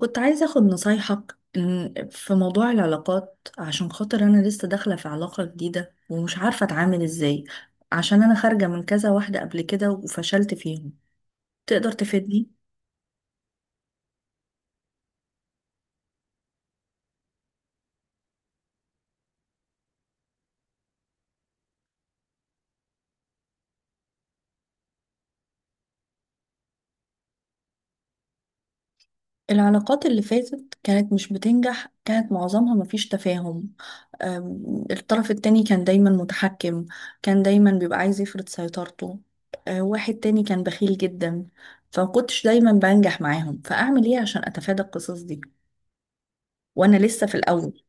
كنت عايزة أخد نصايحك إن في موضوع العلاقات، عشان خاطر أنا لسه داخلة في علاقة جديدة ومش عارفة أتعامل إزاي. عشان أنا خارجة من كذا واحدة قبل كده وفشلت فيهم. تقدر تفيدني؟ العلاقات اللي فاتت كانت مش بتنجح، كانت معظمها مفيش تفاهم. الطرف التاني كان دايما متحكم. كان دايما بيبقى عايز يفرض سيطرته. واحد تاني كان بخيل جدا. فمكنتش دايما بنجح معاهم، فأعمل إيه عشان أتفادى القصص دي؟ وأنا لسه في الأول.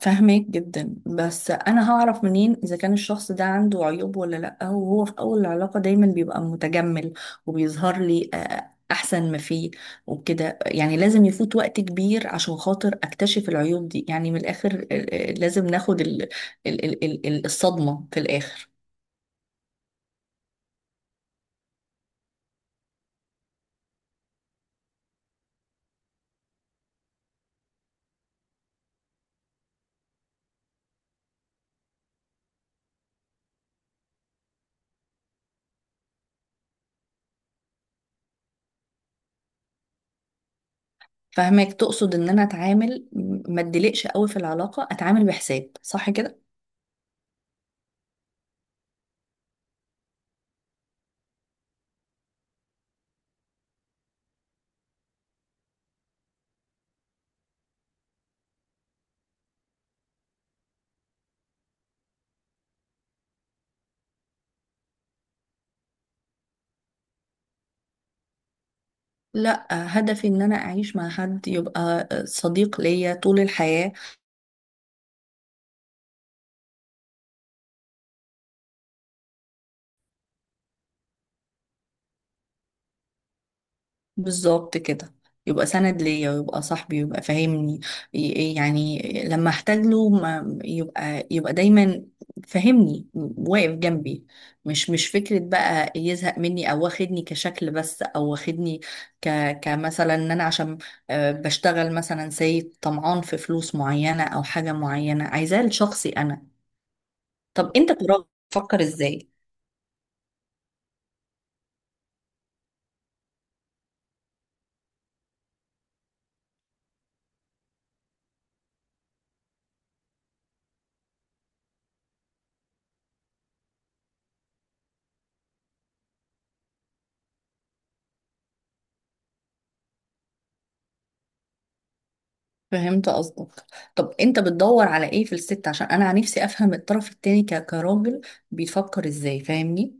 فاهمك جدا، بس انا هعرف منين اذا كان الشخص ده عنده عيوب ولا لا، وهو في اول العلاقة دايما بيبقى متجمل وبيظهر لي احسن ما فيه. وكده يعني لازم يفوت وقت كبير عشان خاطر اكتشف العيوب دي، يعني من الاخر لازم ناخد الصدمة في الاخر. فاهمك، تقصد ان انا اتعامل ما اتدلقش قوي في العلاقة، اتعامل بحساب صح كده. لا، هدفي ان انا اعيش مع حد يبقى صديق ليا طول الحياة. بالظبط كده. يبقى سند ليا ويبقى صاحبي ويبقى فاهمني. يعني لما احتاج له ما يبقى دايما فاهمني واقف جنبي. مش فكرة بقى يزهق مني او واخدني كشكل بس، او واخدني ك كمثلا ان انا عشان بشتغل مثلا سيد طمعان في فلوس معينة او حاجة معينة، عايزاه لشخصي انا. طب انت كراجل تفكر ازاي؟ فهمت قصدك. طب انت بتدور على ايه في الست؟ عشان انا نفسي افهم الطرف التاني كراجل بيفكر ازاي، فاهمني؟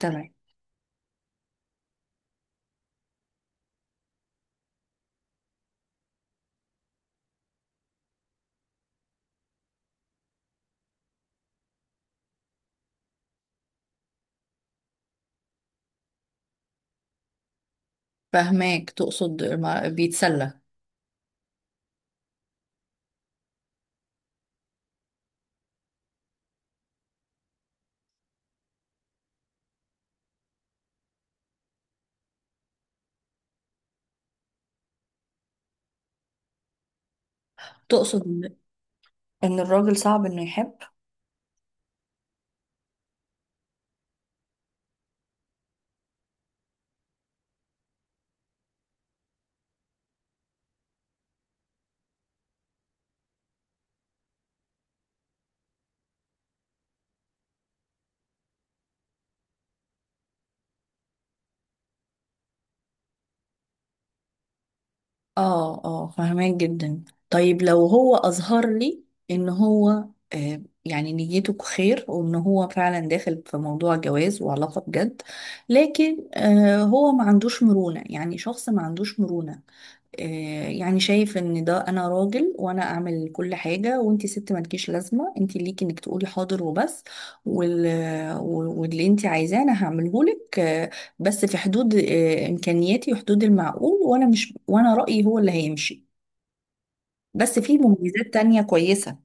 تمام، فاهماك، تقصد بيتسلى. تقصد إن الراجل صعب انه يحب؟ اه، اه، فاهماك جدا. طيب لو هو اظهر لي ان هو يعني نيته خير وان هو فعلا داخل في موضوع جواز وعلاقة بجد، لكن هو ما عندوش مرونة، يعني شخص ما عندوش مرونة، يعني شايف ان ده انا راجل وانا اعمل كل حاجه، وانتي ست مالكيش لازمه، انتي ليكي انك تقولي حاضر وبس، وال... واللي انتي عايزاه انا هعمله لك، بس في حدود امكانياتي وحدود المعقول، وانا مش وانا رايي هو اللي هيمشي، بس في مميزات تانية كويسه.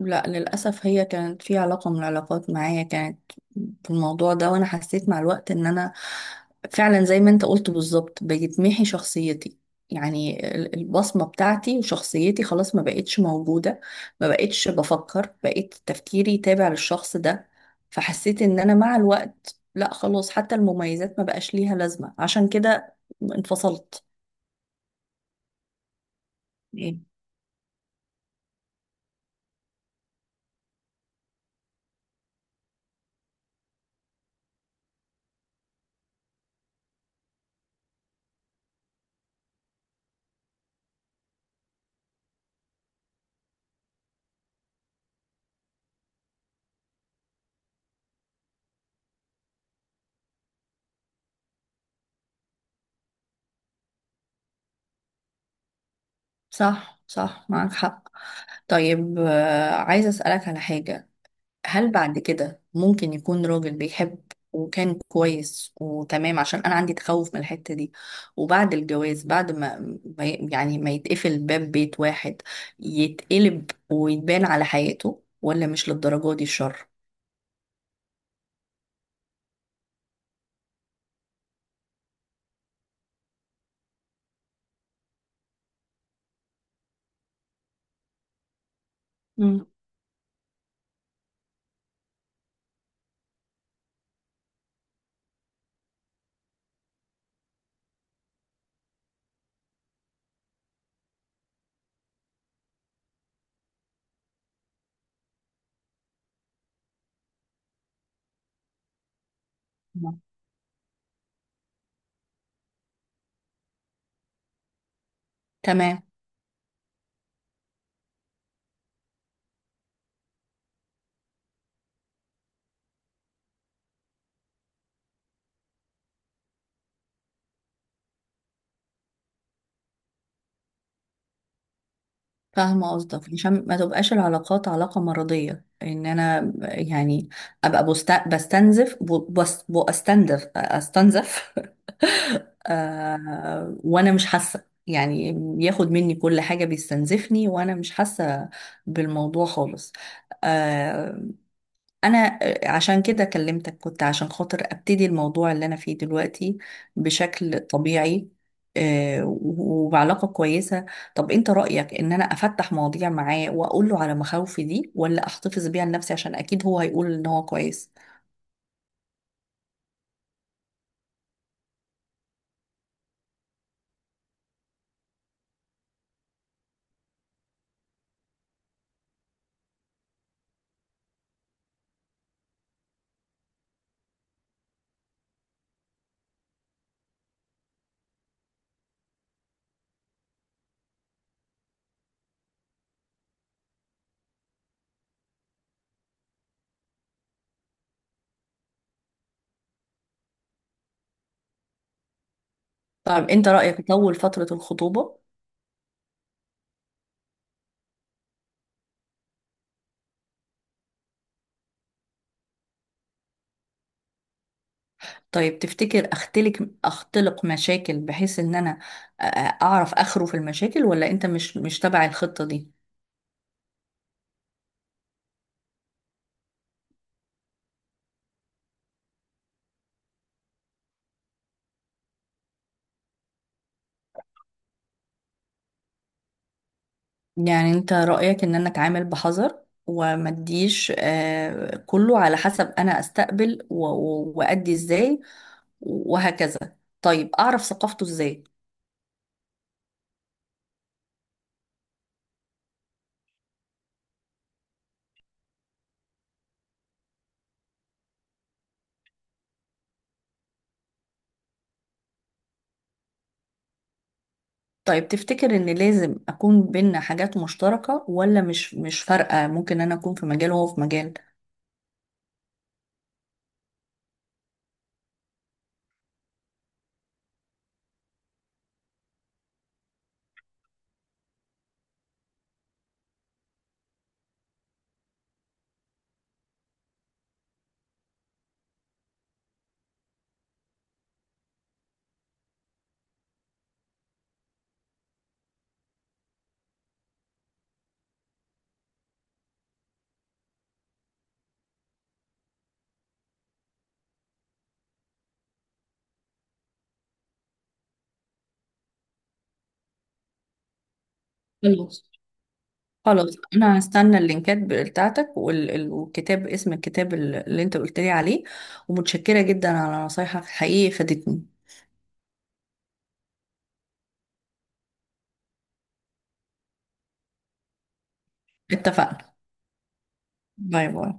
لا، للأسف هي كانت في علاقة من العلاقات معايا، كانت في الموضوع ده، وأنا حسيت مع الوقت إن أنا فعلا زي ما أنت قلت بالظبط بيتمحي شخصيتي. يعني البصمة بتاعتي وشخصيتي خلاص ما بقتش موجودة. ما بقتش بفكر، بقيت تفكيري تابع للشخص ده. فحسيت إن أنا مع الوقت لا خلاص، حتى المميزات ما بقاش ليها لازمة، عشان كده انفصلت. إيه؟ صح، صح، معاك حق. طيب، عايزة أسألك على حاجة. هل بعد كده ممكن يكون راجل بيحب، وكان كويس وتمام؟ عشان انا عندي تخوف من الحتة دي. وبعد الجواز، بعد ما يعني ما يتقفل باب بيت واحد يتقلب ويتبان على حياته، ولا مش للدرجة دي الشر؟ مم. نعم. تمام. فاهمة قصدك، عشان ما تبقاش العلاقات علاقة مرضية، ان انا يعني ابقى بستنزف بستنزف استنزف وانا مش حاسه، يعني بياخد مني كل حاجه بيستنزفني وانا مش حاسه بالموضوع خالص. آه انا عشان كده كلمتك، كنت عشان خاطر ابتدي الموضوع اللي انا فيه دلوقتي بشكل طبيعي، وبعلاقه كويسه. طب انت رايك ان انا افتح مواضيع معاه واقول له على مخاوفي دي، ولا احتفظ بيها لنفسي؟ عشان اكيد هو هيقول ان هو كويس. طب انت رايك اطول فتره الخطوبه؟ طيب تفتكر اختلق مشاكل بحيث ان انا آه، اعرف اخره في المشاكل، ولا انت مش تبع الخطة دي؟ يعني انت رأيك ان انا اتعامل بحذر وما اديش كله على حسب انا استقبل وادي ازاي، وهكذا؟ طيب اعرف ثقافته ازاي؟ طيب تفتكر ان لازم اكون بينا حاجات مشتركة، ولا مش فارقة؟ ممكن انا اكون في مجال وهو في مجال. خلاص. خلاص انا هستنى اللينكات بتاعتك والكتاب، اسم الكتاب اللي انت قلت لي عليه. ومتشكرة جدا على نصايحك، حقيقي فادتني. اتفقنا. باي باي.